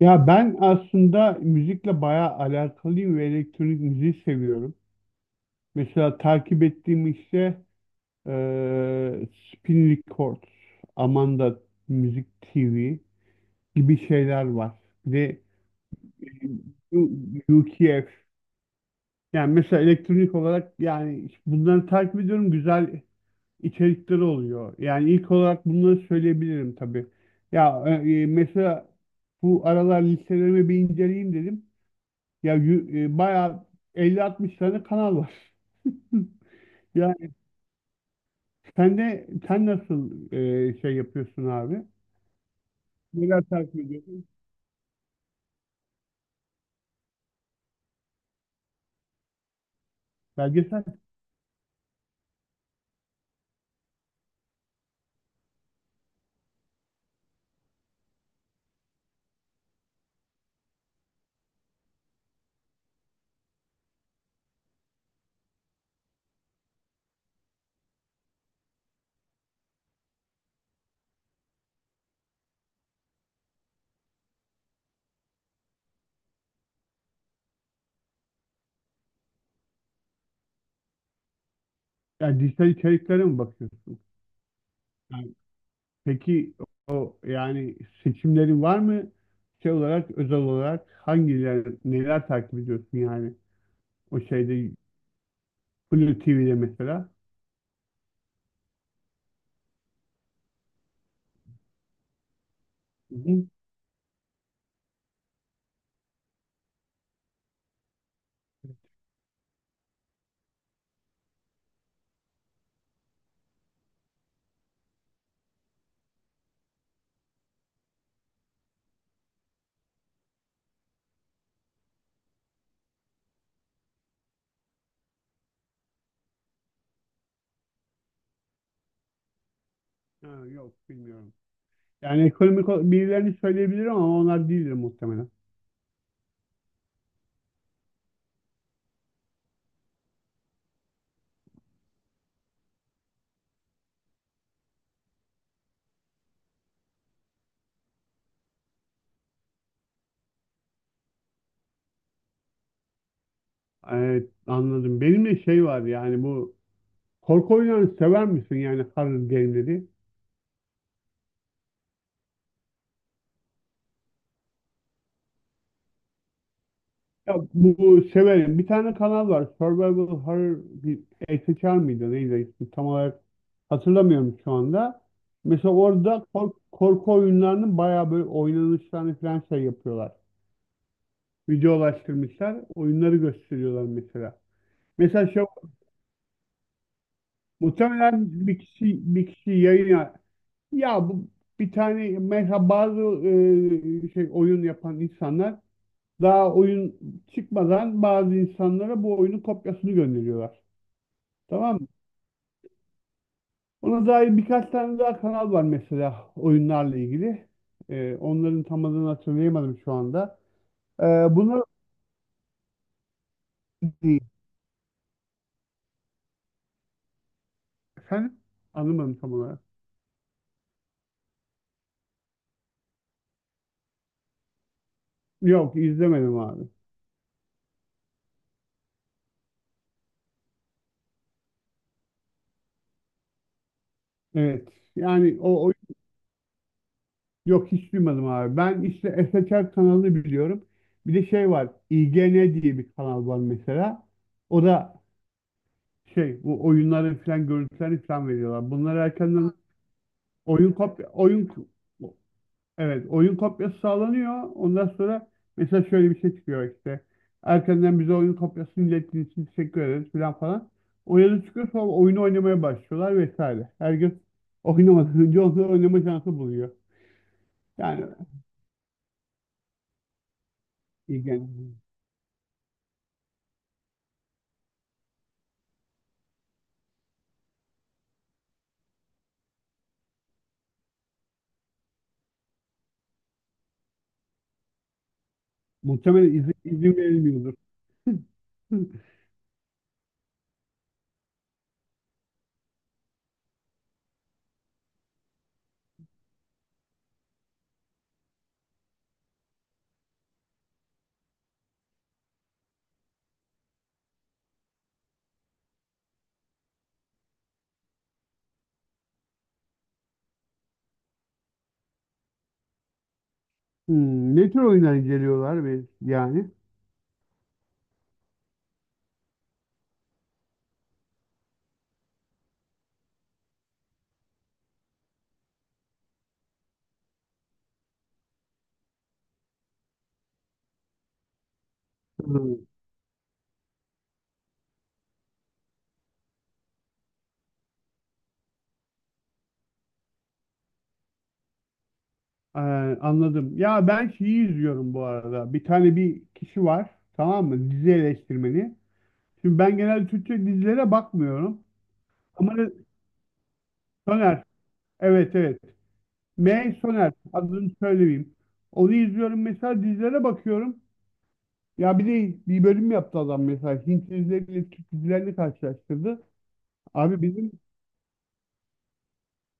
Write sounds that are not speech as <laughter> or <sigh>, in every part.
Ya ben aslında müzikle bayağı alakalıyım ve elektronik müziği seviyorum. Mesela takip ettiğim işte Spin Records, Amanda Music TV gibi şeyler var. Bir de U- UKF. Yani mesela elektronik olarak yani işte bunları takip ediyorum. Güzel içerikleri oluyor. Yani ilk olarak bunları söyleyebilirim tabii. Ya mesela bu aralar listelerimi bir inceleyeyim dedim. Ya bayağı 50-60 tane kanal var. <laughs> Yani sen nasıl şey yapıyorsun abi? Neler takip ediyorsun? Belgesel, yani dijital içeriklere mi bakıyorsun? Yani peki o yani seçimlerin var mı? Şey olarak, özel olarak hangileri, neler takip ediyorsun yani? O şeyde Blue TV'de mesela. Hı hı. Ha, yok bilmiyorum. Yani birilerini söyleyebilirim ama onlar değildir muhtemelen. Evet, anladım. Benim de şey var yani bu korku oyunlarını sever misin yani horror game'leri? Ya bu, severim. Bir tane kanal var. Survival Horror bir SHR mıydı neydi ismi tam olarak hatırlamıyorum şu anda. Mesela orada korku oyunlarının bayağı böyle oynanışlarını falan şey yapıyorlar. Videolaştırmışlar. Oyunları gösteriyorlar mesela. Mesela şey muhtemelen bir kişi yayın ya, ya bu bir tane mesela bazı şey oyun yapan insanlar daha oyun çıkmadan bazı insanlara bu oyunun kopyasını gönderiyorlar. Tamam mı? Ona dair birkaç tane daha kanal var mesela oyunlarla ilgili. Onların tam adını hatırlayamadım şu anda. E, Bunlar efendim anlamadım tam olarak. Yok izlemedim abi. Evet. Yani o Yok, hiç duymadım abi. Ben işte SHR kanalını biliyorum. Bir de şey var. IGN diye bir kanal var mesela. O da şey bu oyunların falan görüntülerini falan veriyorlar. Bunlar erkenden oyun kopya oyun evet oyun kopyası sağlanıyor. Ondan sonra mesela şöyle bir şey çıkıyor işte. Erkenden bize oyun kopyasını ilettiğiniz için teşekkür ederiz falan falan. O yazı çıkıyor, sonra oyunu oynamaya başlıyorlar vesaire. Herkes oynamadan önce onları oynama şansı buluyor. Yani IGN. Muhtemelen izin verilmiyordur. <laughs> Hmm, ne tür oyunlar inceliyorlar ve yani? Hmm, ee, anladım. Ya ben şeyi izliyorum bu arada. Bir tane bir kişi var, tamam mı? Dizi eleştirmeni. Şimdi ben genelde Türkçe dizilere bakmıyorum. Ama Soner, evet evet. M. Soner, adını söylemeyeyim. Onu izliyorum mesela, dizilere bakıyorum. Ya bir de bir bölüm yaptı adam mesela. Hint dizileriyle Türk dizilerini karşılaştırdı. Abi bizim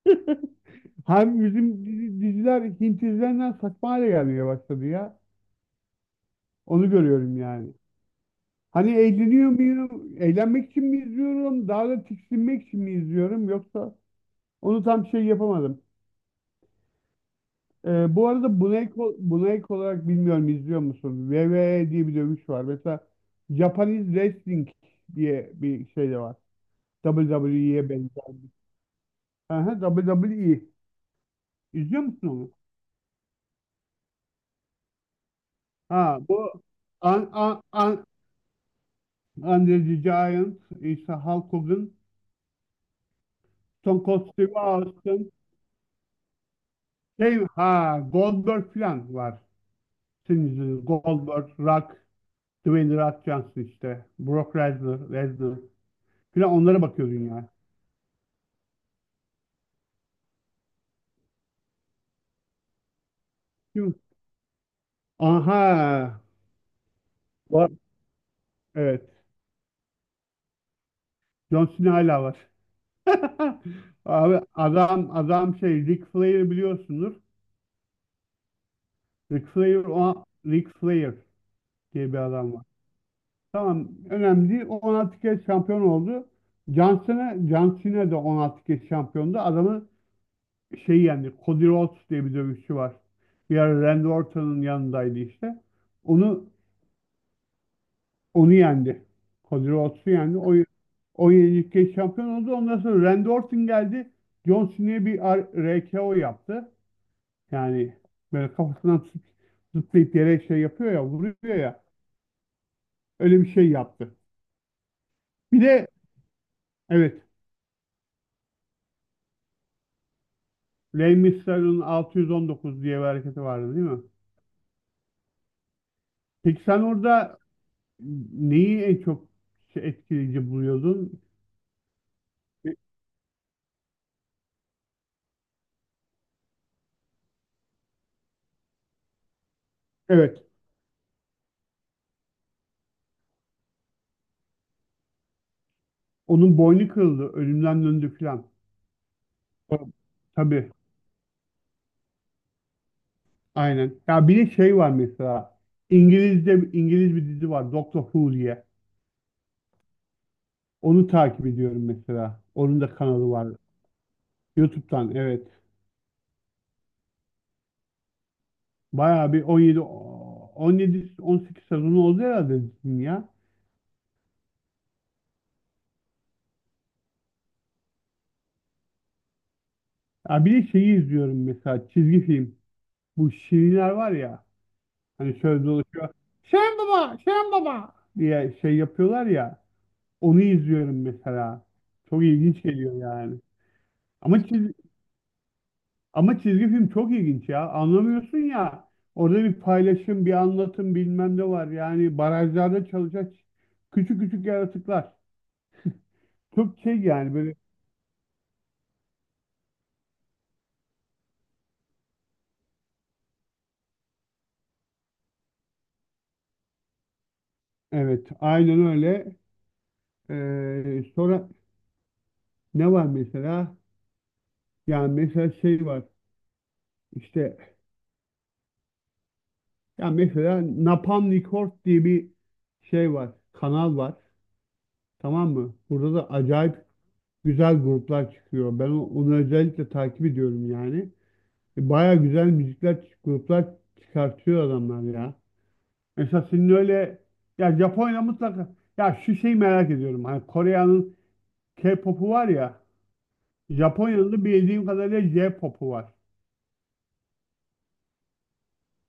<laughs> hem bizim diziler Hint dizilerinden saçma hale gelmeye başladı ya. Onu görüyorum yani. Hani eğleniyor muyum? Eğlenmek için mi izliyorum? Daha da tiksinmek için mi izliyorum? Yoksa onu tam şey yapamadım. Bu arada buna ek olarak bilmiyorum, izliyor musun? WWE diye bir dövüş var. Mesela Japanese Wrestling diye bir şey de var. WWE'ye benzer. Aha, WWE. İzliyor musun onu? Ha, bu An- An- An- Andre the Giant, işte Hulk Hogan, Stone Cold Steve Austin, şey, ha Goldberg falan var. Sizin yüzünüz. Goldberg, Rock, Dwayne The Rock Johnson işte, Brock Lesnar falan onlara bakıyordun yani. Kim? Aha, var. Evet, John Cena hala var. <laughs> Abi adam adam şey Ric Flair biliyorsunuz. Ric Flair o Ric Flair diye bir adam var. Tamam önemli değil. O 16 kez şampiyon oldu. Johnson'a John Cena de 16 kez şampiyondu. Adamı şey yendi. Cody Rhodes diye bir dövüşçü var. Bir ara Randy Orton'un yanındaydı işte. Onu onu yendi. Cody Rhodes'u yendi. O 17 kez şampiyon oldu. Ondan sonra Randy Orton geldi. John Cena'ya bir RKO yaptı. Yani böyle zıplayıp yere şey yapıyor ya, vuruyor ya. Öyle bir şey yaptı. Bir de evet Rey Mysterio'nun 619 diye bir hareketi vardı değil mi? Peki sen orada neyi en çok etkileyici buluyordun? E, Evet. Onun boynu kırıldı. Ölümden döndü filan. Tamam. Tabii. Aynen. Ya bir de şey var mesela. İngiliz bir dizi var, Doctor Who diye. Onu takip ediyorum mesela. Onun da kanalı var. YouTube'dan evet. Bayağı bir 17 18 sezonu oldu herhalde dizinin ya. Ya bir de şeyi izliyorum mesela, çizgi film. Bu şirinler var ya hani şöyle dolaşıyor. Şen baba, Şen baba diye şey yapıyorlar ya. Onu izliyorum mesela. Çok ilginç geliyor yani. Ama çiz ama çizgi film çok ilginç ya. Anlamıyorsun ya. Orada bir paylaşım, bir anlatım bilmem ne var. Yani barajlarda çalışan küçük küçük yaratıklar. Çok şey yani böyle, evet, aynen öyle. Sonra ne var mesela? Yani mesela şey var. İşte ya mesela Napalm Records diye bir şey var, kanal var. Tamam mı? Burada da acayip güzel gruplar çıkıyor. Ben onu özellikle takip ediyorum yani. Baya güzel müzikler, gruplar çıkartıyor adamlar ya. Mesela senin öyle ya, Japonya mutlaka, ya şu şeyi merak ediyorum. Hani Kore'nin K-pop'u var ya. Japonya'da bildiğim kadarıyla J-pop'u var.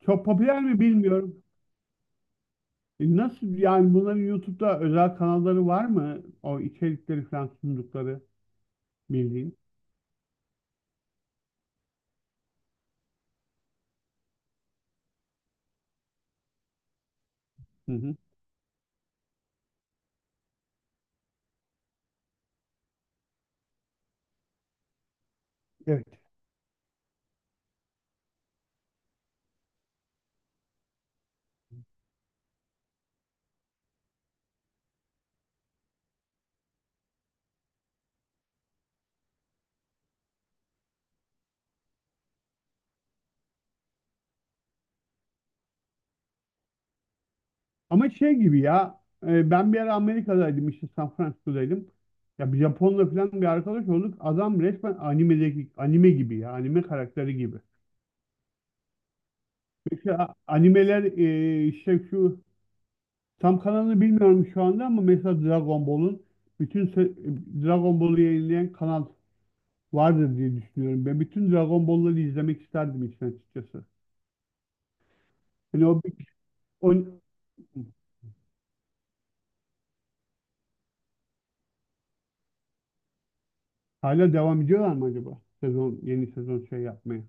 Çok popüler mi bilmiyorum. Nasıl yani, bunların YouTube'da özel kanalları var mı? O içerikleri falan sundukları bildiğin. Hı hı. Evet. Ama şey gibi ya, ben bir ara Amerika'daydım, işte San Francisco'daydım. Ya bir Japonla falan bir arkadaş olduk. Adam resmen animedeki anime gibi ya, anime karakteri gibi. Mesela animeler, işte şu tam kanalını bilmiyorum şu anda ama mesela Dragon Ball'un bütün se- Dragon Ball'u yayınlayan kanal vardır diye düşünüyorum. Ben bütün Dragon Ball'ları izlemek isterdim işin açıkçası. Hani o hala devam ediyorlar mı acaba? Yeni sezon şey yapmaya.